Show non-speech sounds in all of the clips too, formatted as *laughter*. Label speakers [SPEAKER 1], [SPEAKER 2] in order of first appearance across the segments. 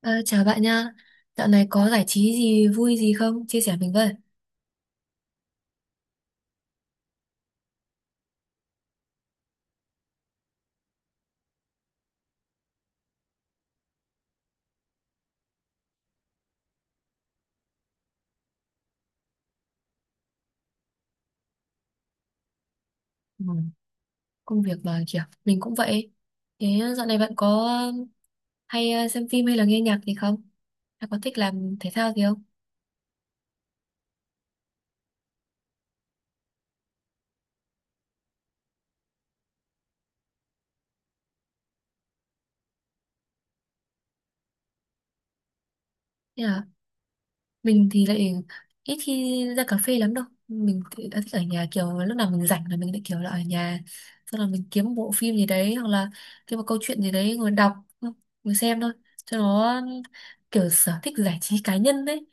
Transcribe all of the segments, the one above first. [SPEAKER 1] Ờ, Chào bạn nha. Dạo này có giải trí gì vui gì không? Chia sẻ mình với. Ừ, công việc mà kiểu mình cũng vậy. Thế, dạo này bạn có um, hay xem phim hay là nghe nhạc gì không? Hay có thích làm thể thao gì không? Thế à, mình thì lại ít khi ra cà phê lắm đâu. Mình thì đã thích ở nhà, kiểu lúc nào mình rảnh là mình lại kiểu là ở nhà. Xong là mình kiếm bộ phim gì đấy hoặc là kiếm một câu chuyện gì đấy ngồi đọc, ngồi xem thôi. Cho nó kiểu sở thích giải trí cá nhân đấy.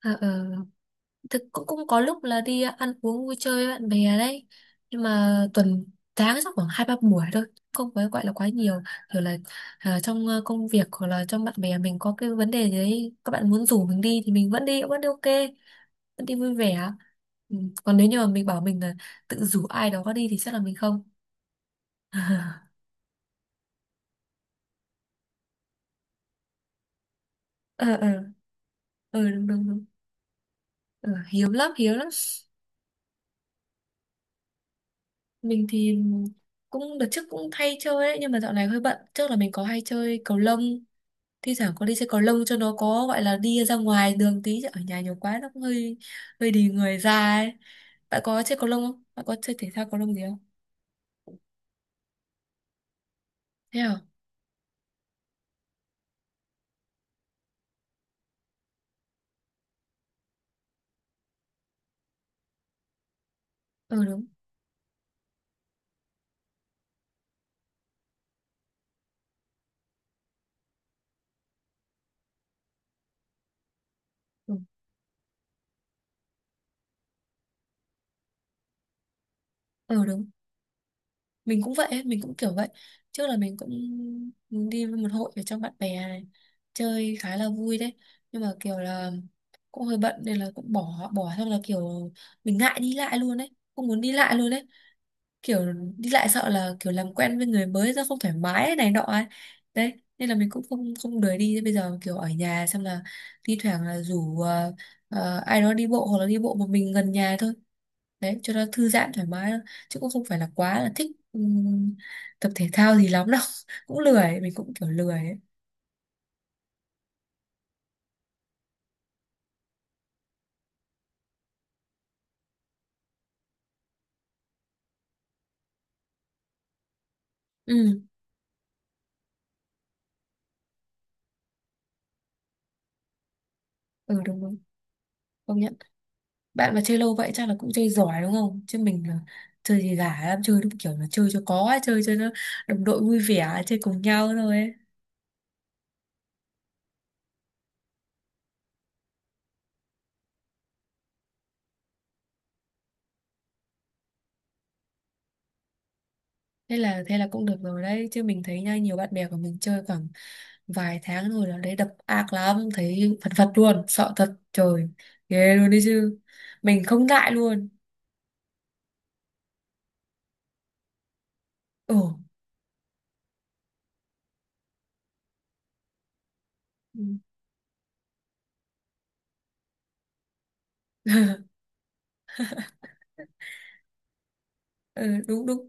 [SPEAKER 1] Ờ, ờ. Thực cũng cũng có lúc là đi ăn uống vui chơi với bạn bè đấy, nhưng mà tuần tháng chắc khoảng hai ba buổi thôi, không phải gọi là quá nhiều. Kiểu là trong công việc hoặc là trong bạn bè mình có cái vấn đề gì đấy các bạn muốn rủ mình đi thì mình vẫn đi ok, vẫn đi vui vẻ. Ừ. Còn nếu như mà mình bảo mình là tự rủ ai đó đi thì chắc là mình không. *laughs* Ờ, ờ, ờ. Đúng, đúng, đúng. Ờ, Hiếm lắm, hiếm lắm. Mình thì cũng đợt trước cũng hay chơi ấy, nhưng mà dạo này hơi bận. Trước là mình có hay chơi cầu lông, thi thoảng có đi xe cầu lông cho nó có, gọi là đi ra ngoài đường tí, chứ ở nhà nhiều quá nó cũng hơi hơi đi người ra ấy. Bạn có chơi cầu lông không? Bạn có chơi thể thao cầu lông gì không? Thế à. Ừ, đúng. Ừ, ừ, đúng. Mình cũng vậy ấy, mình cũng kiểu vậy. Trước là mình cũng đi với một hội ở trong bạn bè này, chơi khá là vui đấy, nhưng mà kiểu là cũng hơi bận nên là cũng bỏ bỏ. Xong là kiểu mình ngại đi lại luôn đấy, không muốn đi lại luôn đấy. Kiểu đi lại sợ là kiểu làm quen với người mới ra không thoải mái ấy, này nọ ấy. Đấy nên là mình cũng không không đuổi đi. Bây giờ kiểu ở nhà, xong là thi thoảng là rủ ai đó đi bộ hoặc là đi bộ một mình gần nhà thôi, đấy cho nó thư giãn thoải mái thôi. Chứ cũng không phải là quá là thích tập thể thao gì lắm đâu. *laughs* Cũng lười, mình cũng kiểu lười ấy. Ừ, ừ. Đúng, đúng, công nhận. Bạn mà chơi lâu vậy chắc là cũng chơi giỏi đúng không? Chứ mình là chơi gì giả lắm, chơi đúng kiểu là chơi cho có ấy, chơi cho nó đồng đội vui vẻ chơi cùng nhau thôi ấy. Thế là cũng được rồi đấy chứ, mình thấy nha, nhiều bạn bè của mình chơi khoảng vài tháng rồi là đấy đập ác lắm, thấy phật phật luôn, sợ thật, trời, ghê luôn đấy chứ, mình không ngại luôn. Ồ. Ừ. *laughs* Ừ, đúng, đúng,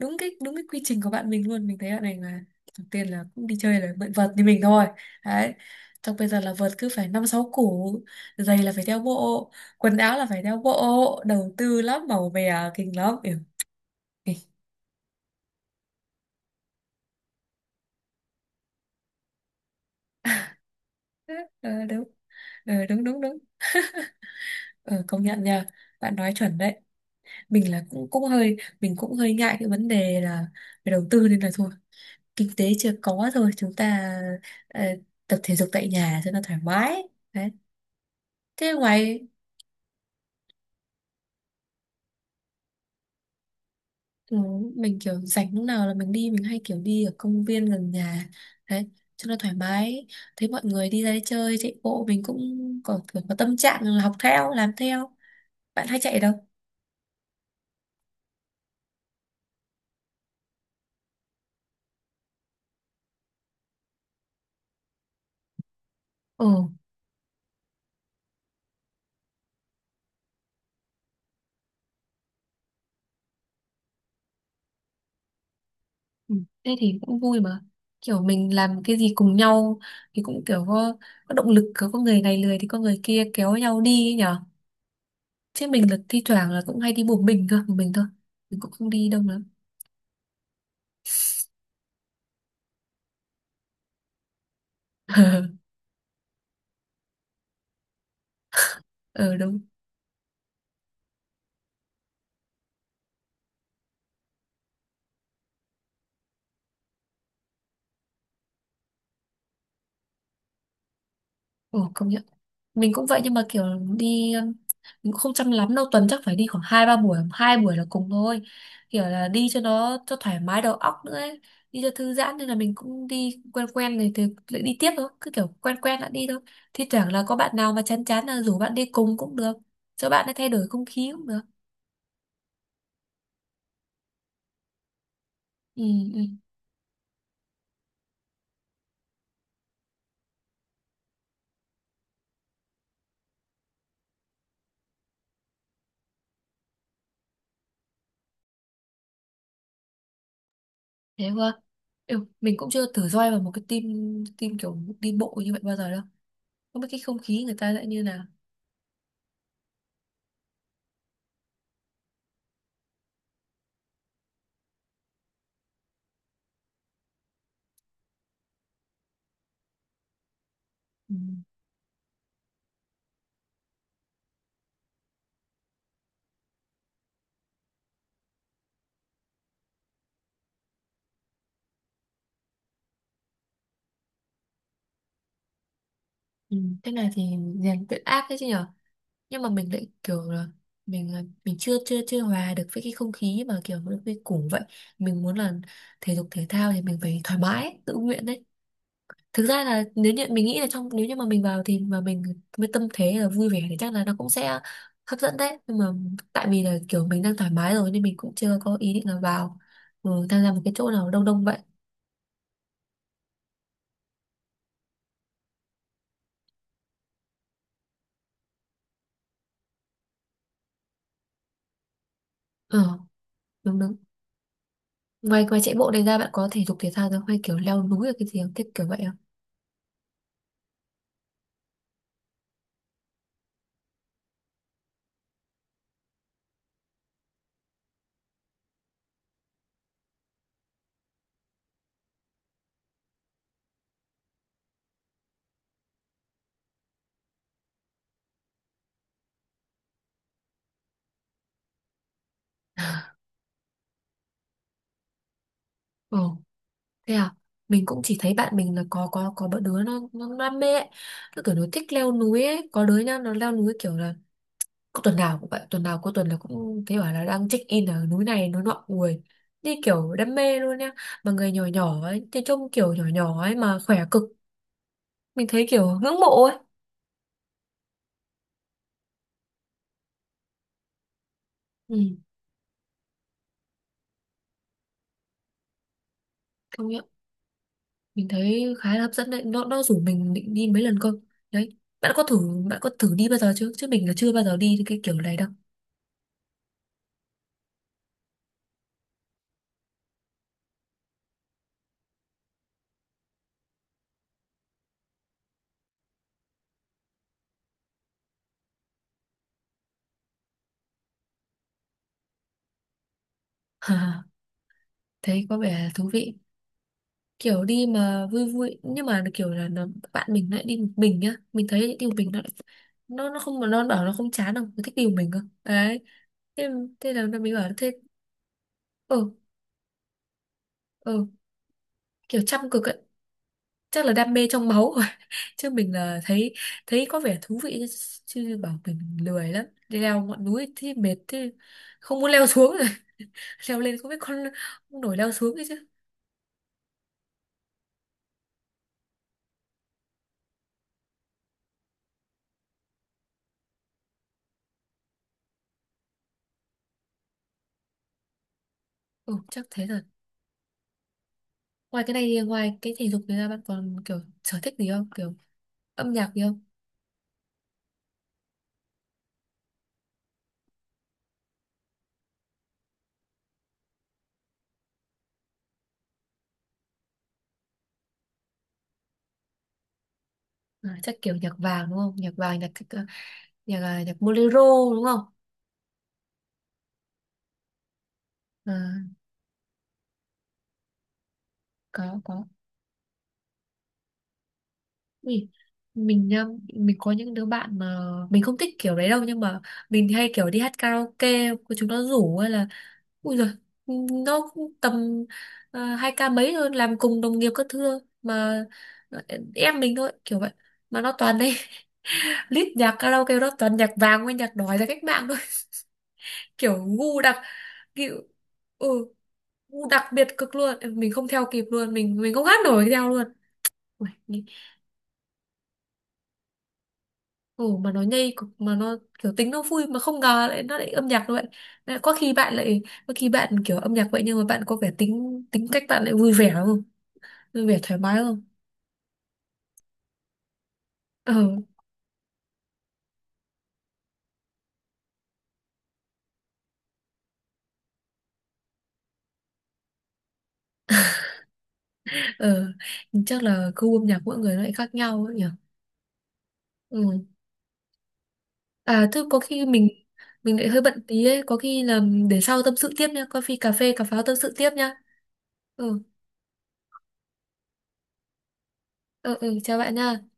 [SPEAKER 1] đúng cái, đúng cái quy trình của bạn mình luôn. Mình thấy bạn này là đầu tiên là cũng đi chơi là mượn vợt như mình thôi đấy, xong bây giờ là vợt cứ phải năm sáu củ, giày là phải theo bộ, quần áo là phải theo bộ, đầu tư lắm, màu mè kinh lắm. Ừ. Ờ, ờ, đúng. Ờ, đúng, đúng, đúng. Ờ, Công nhận nha, bạn nói chuẩn đấy. Mình là cũng cũng hơi, mình cũng hơi ngại cái vấn đề là về đầu tư, nên là thôi, kinh tế chưa có thôi, chúng ta ờ, tập thể dục tại nhà cho nó thoải mái đấy. Thế ngoài... Ừ, mình kiểu rảnh lúc nào là mình đi, mình hay kiểu đi ở công viên gần nhà đấy cho nó thoải mái. Thấy mọi người đi ra đi chơi chạy bộ mình cũng có tâm trạng là học theo làm theo. Bạn hay chạy đâu? Ừ. Ừ, thế thì cũng vui mà, kiểu mình làm cái gì cùng nhau thì cũng kiểu có động lực, có người này lười thì có người kia kéo nhau đi ấy nhở. Chứ mình là thi thoảng là cũng hay đi một mình cơ, một mình thôi, mình cũng không đi đâu nữa. *laughs* Ờ, đúng. Ồ, công nhận. Mình cũng vậy nhưng mà kiểu đi mình cũng không chăm lắm đâu, tuần chắc phải đi khoảng hai ba buổi, hai buổi là cùng thôi, kiểu là đi cho nó cho thoải mái đầu óc nữa ấy. Đi cho thư giãn nên là mình cũng đi quen quen này thì lại đi tiếp thôi, cứ kiểu quen quen đã đi thôi. Thi thoảng là có bạn nào mà chán chán là rủ bạn đi cùng cũng được, cho bạn ấy thay đổi không khí cũng được. Ừ, ừ. Thế thôi. Ừ, mình cũng chưa thử join vào một cái team, kiểu đi bộ như vậy bao giờ đâu, không biết cái không khí người ta lại như nào. Ừ. Ừ, thế này thì rèn luyện ác đấy chứ nhở. Nhưng mà mình lại kiểu là mình chưa chưa chưa hòa được với cái không khí mà kiểu nó quy củ vậy. Mình muốn là thể dục thể thao thì mình phải thoải mái tự nguyện đấy. Thực ra là nếu như mình nghĩ là trong, nếu như mà mình vào thì mà mình với tâm thế là vui vẻ thì chắc là nó cũng sẽ hấp dẫn đấy, nhưng mà tại vì là kiểu mình đang thoải mái rồi nên mình cũng chưa có ý định là vào, ừ, tham gia một cái chỗ nào đông đông vậy. Ờ, đúng, đúng. Ngoài ngoài chạy bộ này ra, bạn có thể dục thể thao ra hay kiểu leo núi ở cái gì không? Thích kiểu vậy không? Ồ, thế à? Mình cũng chỉ thấy bạn mình là có bọn đứa nó đam mê ấy. Nó kiểu nó thích leo núi ấy, có đứa nha, nó leo núi kiểu là có tuần nào cũng vậy, tuần nào cuối tuần là cũng thấy bảo là đang check in ở núi này núi nọ, ui. Như kiểu đam mê luôn nha. Mà người nhỏ nhỏ ấy, thì trông kiểu nhỏ nhỏ ấy mà khỏe cực. Mình thấy kiểu ngưỡng mộ ấy. Ừ, công nhận. Mình thấy khá là hấp dẫn đấy. Nó rủ mình định đi mấy lần cơ. Đấy. Bạn có thử Bạn có thử đi bao giờ chưa? Chứ mình là chưa bao giờ đi cái kiểu này đâu. *laughs* Thấy có vẻ thú vị. Kiểu đi mà vui vui nhưng mà kiểu là nó, bạn mình lại đi một mình nhá, mình thấy đi một mình nó không, nó bảo nó không chán đâu, nó thích đi một mình cơ đấy. Thế, thế là mình bảo thế. Ừ, ừ. Kiểu chăm cực ấy. Chắc là đam mê trong máu rồi. *laughs* Chứ mình là thấy, thấy có vẻ thú vị chứ chứ bảo mình lười lắm, đi leo ngọn núi thì mệt thế, không muốn leo xuống rồi. *laughs* Leo lên không biết con nổi leo xuống ấy chứ. Ừ, chắc thế rồi. Ngoài cái này thì ngoài cái thể dục này ra bạn còn kiểu sở thích gì không, kiểu âm nhạc gì không? Ờ, chắc kiểu nhạc vàng đúng không? Nhạc vàng, nhạc nhạc, nhạc, ờ, nhạc bolero đúng không? Ờ, có, có. Ui, mình nhá, mình có những đứa bạn mà mình không thích kiểu đấy đâu, nhưng mà mình hay kiểu đi hát karaoke của chúng nó rủ hay là, ui giời, nó cũng tầm hai ca mấy thôi, làm cùng đồng nghiệp các thưa mà ờ, em mình thôi kiểu vậy, mà nó toàn đấy. *laughs* List nhạc karaoke nó toàn nhạc vàng với nhạc đói ra cách mạng thôi. *laughs* Kiểu ngu đặc, kiểu ừ đặc biệt cực luôn. Ừ, mình không theo kịp luôn, mình không hát nổi theo luôn. Ui, ồ mà nó nhây cực, mà nó kiểu tính nó vui mà không ngờ lại nó lại âm nhạc như vậy. Lại có khi bạn lại Có khi bạn kiểu âm nhạc vậy nhưng mà bạn có vẻ tính tính cách bạn lại vui vẻ thoải mái không? Ờ, ờ. Chắc là gu âm nhạc mỗi người nó lại khác nhau ấy nhỉ. Ừ. À thôi có khi mình, lại hơi bận tí ấy, có khi là để sau tâm sự tiếp nha, coffee cà phê cà pháo tâm sự tiếp nha. Ừ, ừ, ừ, chào bạn nha.